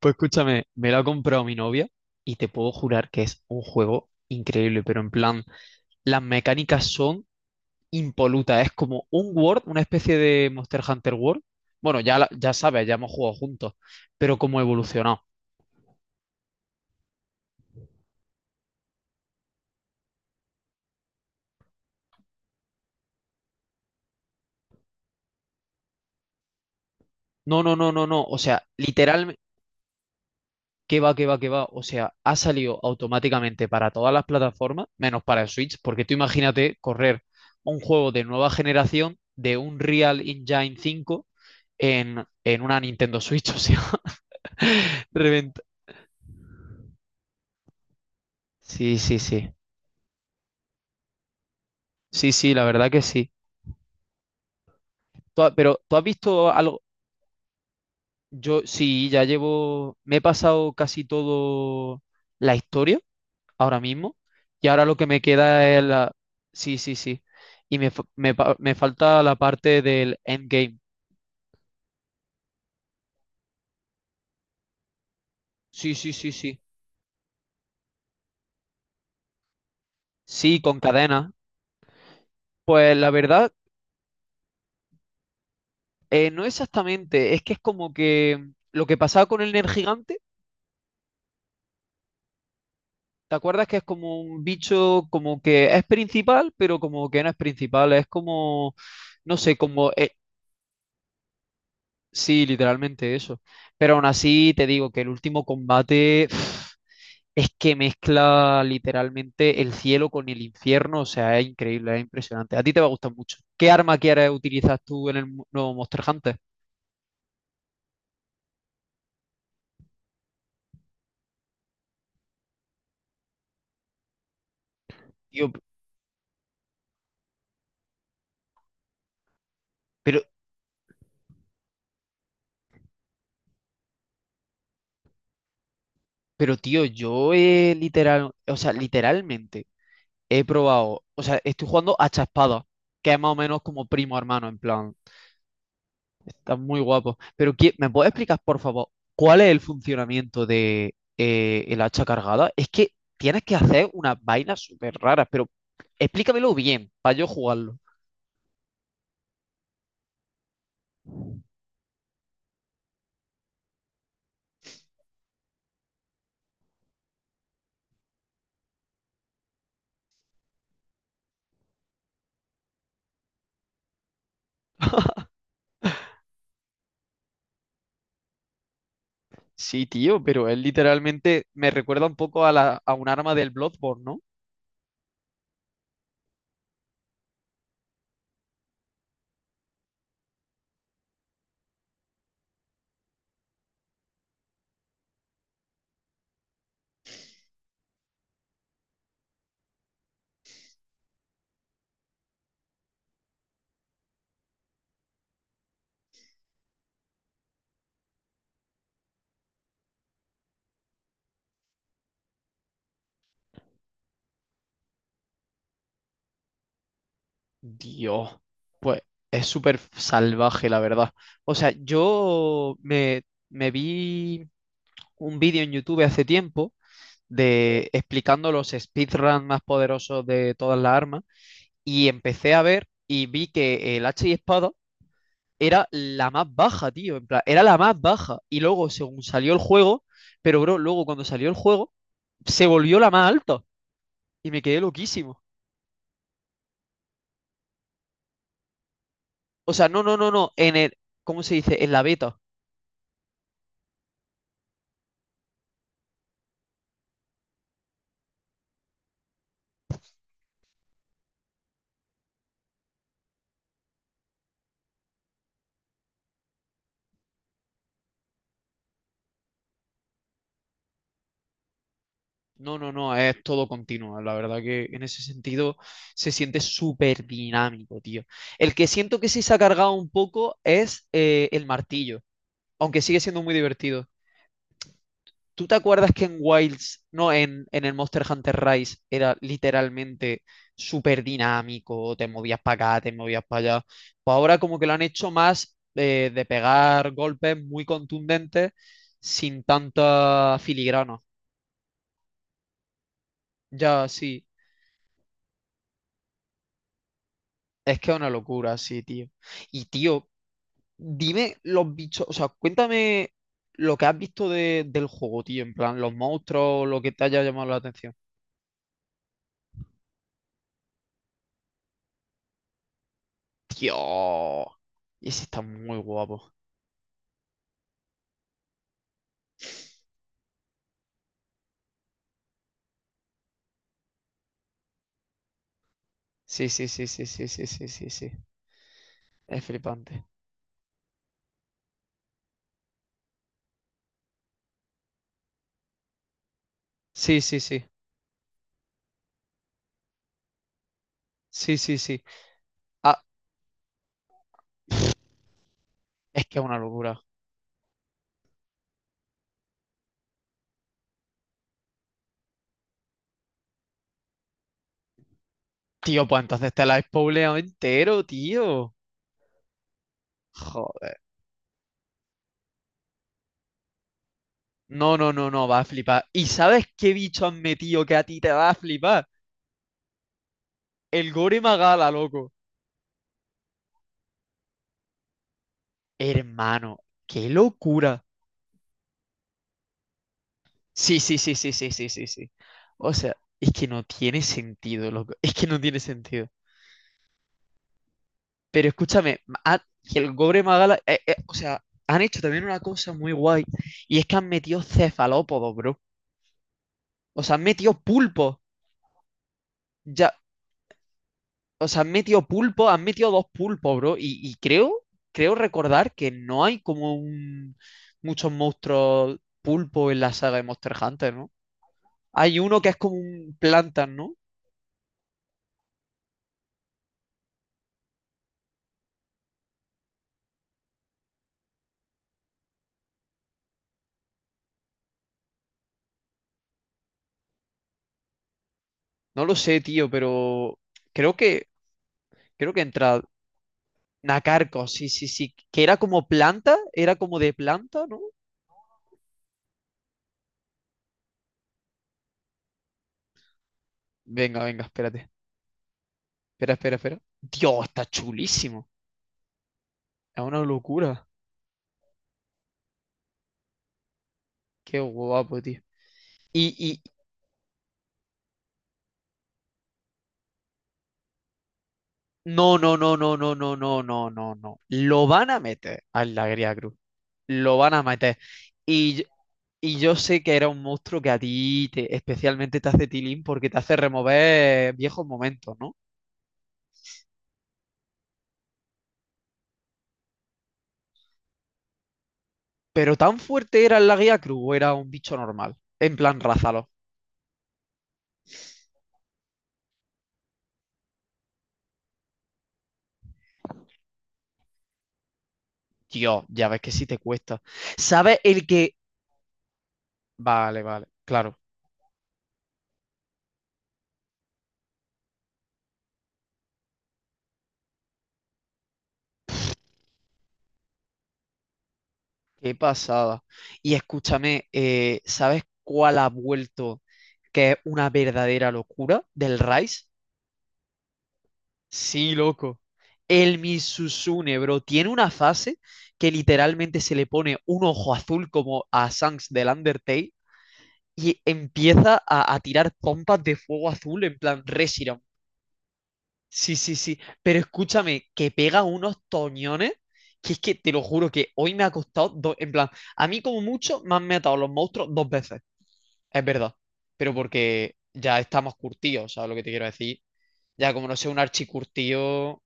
Pues escúchame, me lo ha comprado mi novia y te puedo jurar que es un juego increíble, pero en plan, las mecánicas son impolutas. Es como un World, una especie de Monster Hunter World. Bueno, ya, ya sabes, ya hemos jugado juntos, pero como evolucionado. No, no, no, no, no. O sea, literal, que va, que va, que va. O sea, ha salido automáticamente para todas las plataformas, menos para el Switch, porque tú imagínate correr un juego de nueva generación de un Real Engine 5 en una Nintendo Switch. O sea. Reventa. Sí, sí, sí. Sí, sí, la verdad que sí. Pero ¿tú has visto algo? Yo sí, me he pasado casi todo la historia ahora mismo y ahora lo que me queda es la. Sí, sí, sí. Y me, fa- me pa- me falta la parte del endgame. Sí, sí, sí, sí. Sí, con cadena. Pues la verdad, no exactamente. Es que es como que lo que pasaba con el Nergigante. ¿Te acuerdas que es como un bicho como que es principal, pero como que no es principal? Es como, no sé, como, sí, literalmente eso. Pero aún así te digo que el último combate es que mezcla literalmente el cielo con el infierno. O sea, es increíble, es impresionante. A ti te va a gustar mucho. ¿Qué arma quieres utilizar tú en el nuevo Monster Hunter? Tío, pero, pero tío, yo, literal, o sea, literalmente. He probado, o sea, estoy jugando a Espada, que es más o menos como primo hermano, en plan, está muy guapo. Pero ¿me puedes explicar, por favor, cuál es el funcionamiento de el hacha cargada? Es que tienes que hacer unas vainas súper raras, pero explícamelo bien, para yo jugarlo. Sí, tío, pero él literalmente me recuerda un poco a un arma del Bloodborne, ¿no? Dios, pues es súper salvaje, la verdad. O sea, yo me vi un vídeo en YouTube hace tiempo de explicando los speedruns más poderosos de todas las armas y empecé a ver y vi que el hacha y espada era la más baja, tío, en plan, era la más baja y luego según salió el juego, pero bro, luego cuando salió el juego se volvió la más alta y me quedé loquísimo. O sea, no, no, no, no, ¿cómo se dice? En la beta. No, no, no, es todo continuo. La verdad que en ese sentido se siente súper dinámico, tío. El que siento que sí se ha cargado un poco es el martillo, aunque sigue siendo muy divertido. ¿Tú te acuerdas que en Wilds, no, en el Monster Hunter Rise era literalmente súper dinámico? Te movías para acá, te movías para allá. Pues ahora como que lo han hecho más de pegar golpes muy contundentes sin tanta filigrana. Ya, sí. Es que es una locura, sí, tío. Y tío, dime los bichos, o sea, cuéntame lo que has visto del juego, tío, en plan, los monstruos, lo que te haya llamado la atención. Tío, ese está muy guapo. Sí, sí, sí, sí, sí, sí, sí, sí, sí. Es flipante. Sí, sí, sí. Sí, sí, sí. Ah, es que es una locura. Tío, pues entonces te la has spoileado entero, tío. Joder. No, no, no, no, va a flipar. ¿Y sabes qué bicho han metido que a ti te va a flipar? El Gore Magala, loco. Hermano, qué locura. Sí, sí, sí, sí, sí, sí, sí, sí. O sea, es que no tiene sentido, loco. Es que no tiene sentido. Pero escúchame, ha- el Gore Magala, o sea, han hecho también una cosa muy guay. Y es que han metido cefalópodos, bro. O sea, han metido pulpos. Ya, o sea, han metido pulpos, han metido dos pulpos, bro. Y creo recordar que no hay muchos monstruos pulpo en la saga de Monster Hunter, ¿no? Hay uno que es como un plantas, ¿no? No lo sé, tío, pero creo que creo que entra Nacarco, sí, sí, sí, que era como planta, era como de planta, ¿no? Venga, venga, espérate. Espera, espera, espera. Dios, está chulísimo. Es una locura. Qué guapo, tío. Y. No, no, no, no, no, no, no, no, no, no. Lo van a meter a la Gría Cruz. Lo van a meter. Y, yo- y yo sé que era un monstruo que a ti especialmente te hace tilín porque te hace remover viejos momentos, ¿no? Pero tan fuerte era la Gría Cruz o era un bicho normal. En plan, rázalo. Dios, ya ves que sí te cuesta. ¿Sabes el que? Vale, vale, claro. Qué pasada. Y escúchame, ¿sabes cuál ha vuelto que es una verdadera locura del Rice? Sí, loco. El Misusune, bro, tiene una fase que literalmente se le pone un ojo azul como a Sans del Undertale y empieza a tirar pompas de fuego azul en plan Reshiram. Sí, sí, sí. Pero escúchame, que pega unos toñones, que es que te lo juro que hoy me ha costado dos. En plan, a mí como mucho me han matado los monstruos dos veces. Es verdad. Pero porque ya estamos curtidos, ¿sabes lo que te quiero decir? Ya como no sé, un archicurtío.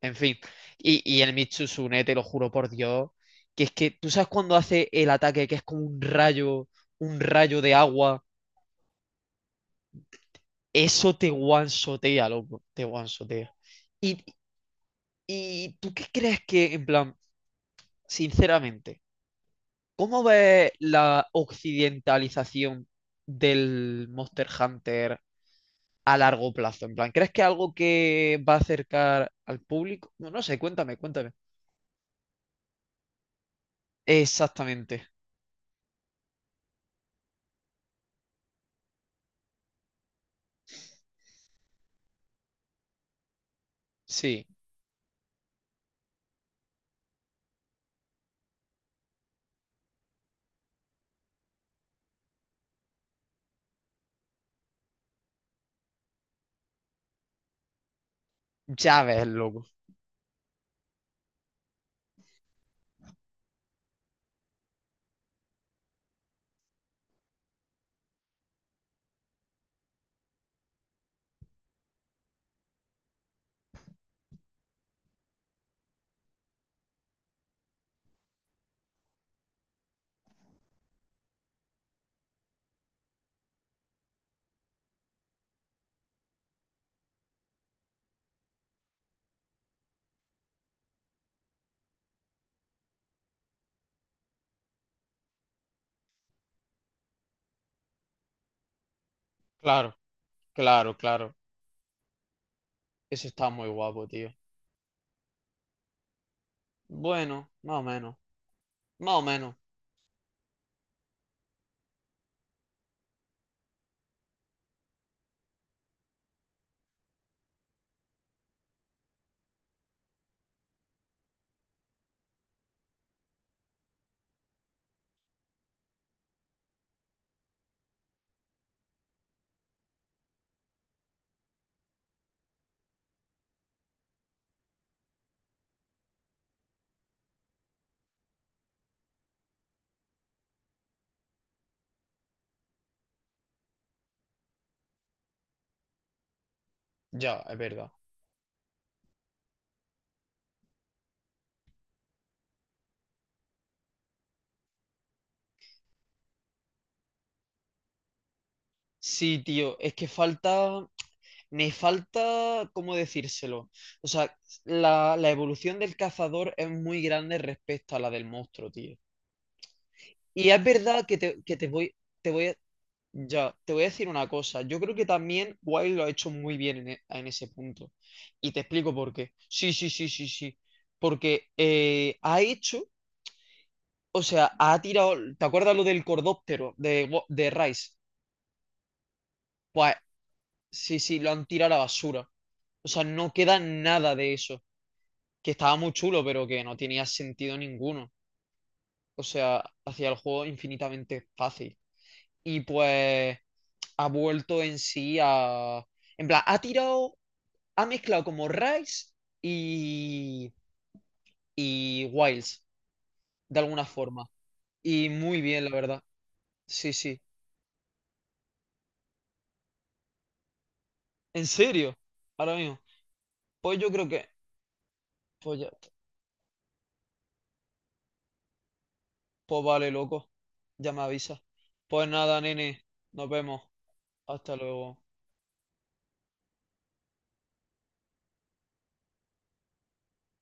En fin. Y el Mitsusune, te lo juro por Dios. Que es que, ¿tú sabes cuando hace el ataque que es como un rayo de agua? Eso te guansotea, loco. Te guansotea. Y, ¿Y tú qué crees que, en plan, sinceramente, cómo ves la occidentalización del Monster Hunter a largo plazo? En plan, ¿crees que es algo que va a acercar al público? No, no sé, cuéntame, cuéntame. Exactamente, sí, ya ves, loco. Claro, claro, claro. Eso está muy guapo, tío. Bueno, más o menos, más o menos. Ya, es verdad. Sí, tío, es que me falta, ¿cómo decírselo? O sea, la evolución del cazador es muy grande respecto a la del monstruo, tío. Y es verdad que te voy a, ya, te voy a decir una cosa. Yo creo que también Wild lo ha hecho muy bien en, en ese punto. Y te explico por qué. Sí, sí, sí, sí, sí. Porque ha hecho, o sea, ha tirado, ¿te acuerdas lo del cordóptero de Rice? Pues sí, sí, lo han tirado a la basura. O sea, no queda nada de eso. Que estaba muy chulo, pero que no tenía sentido ninguno. O sea, hacía el juego infinitamente fácil. Y pues ha vuelto en sí a. En plan, ha tirado, ha mezclado como Rise y, y Wilds, de alguna forma. Y muy bien, la verdad. Sí, sí. ¿En serio? Ahora mismo. Pues yo creo que Pues ya, pues vale, loco. Ya me avisa. Pues nada, nene. Nos vemos. Hasta luego.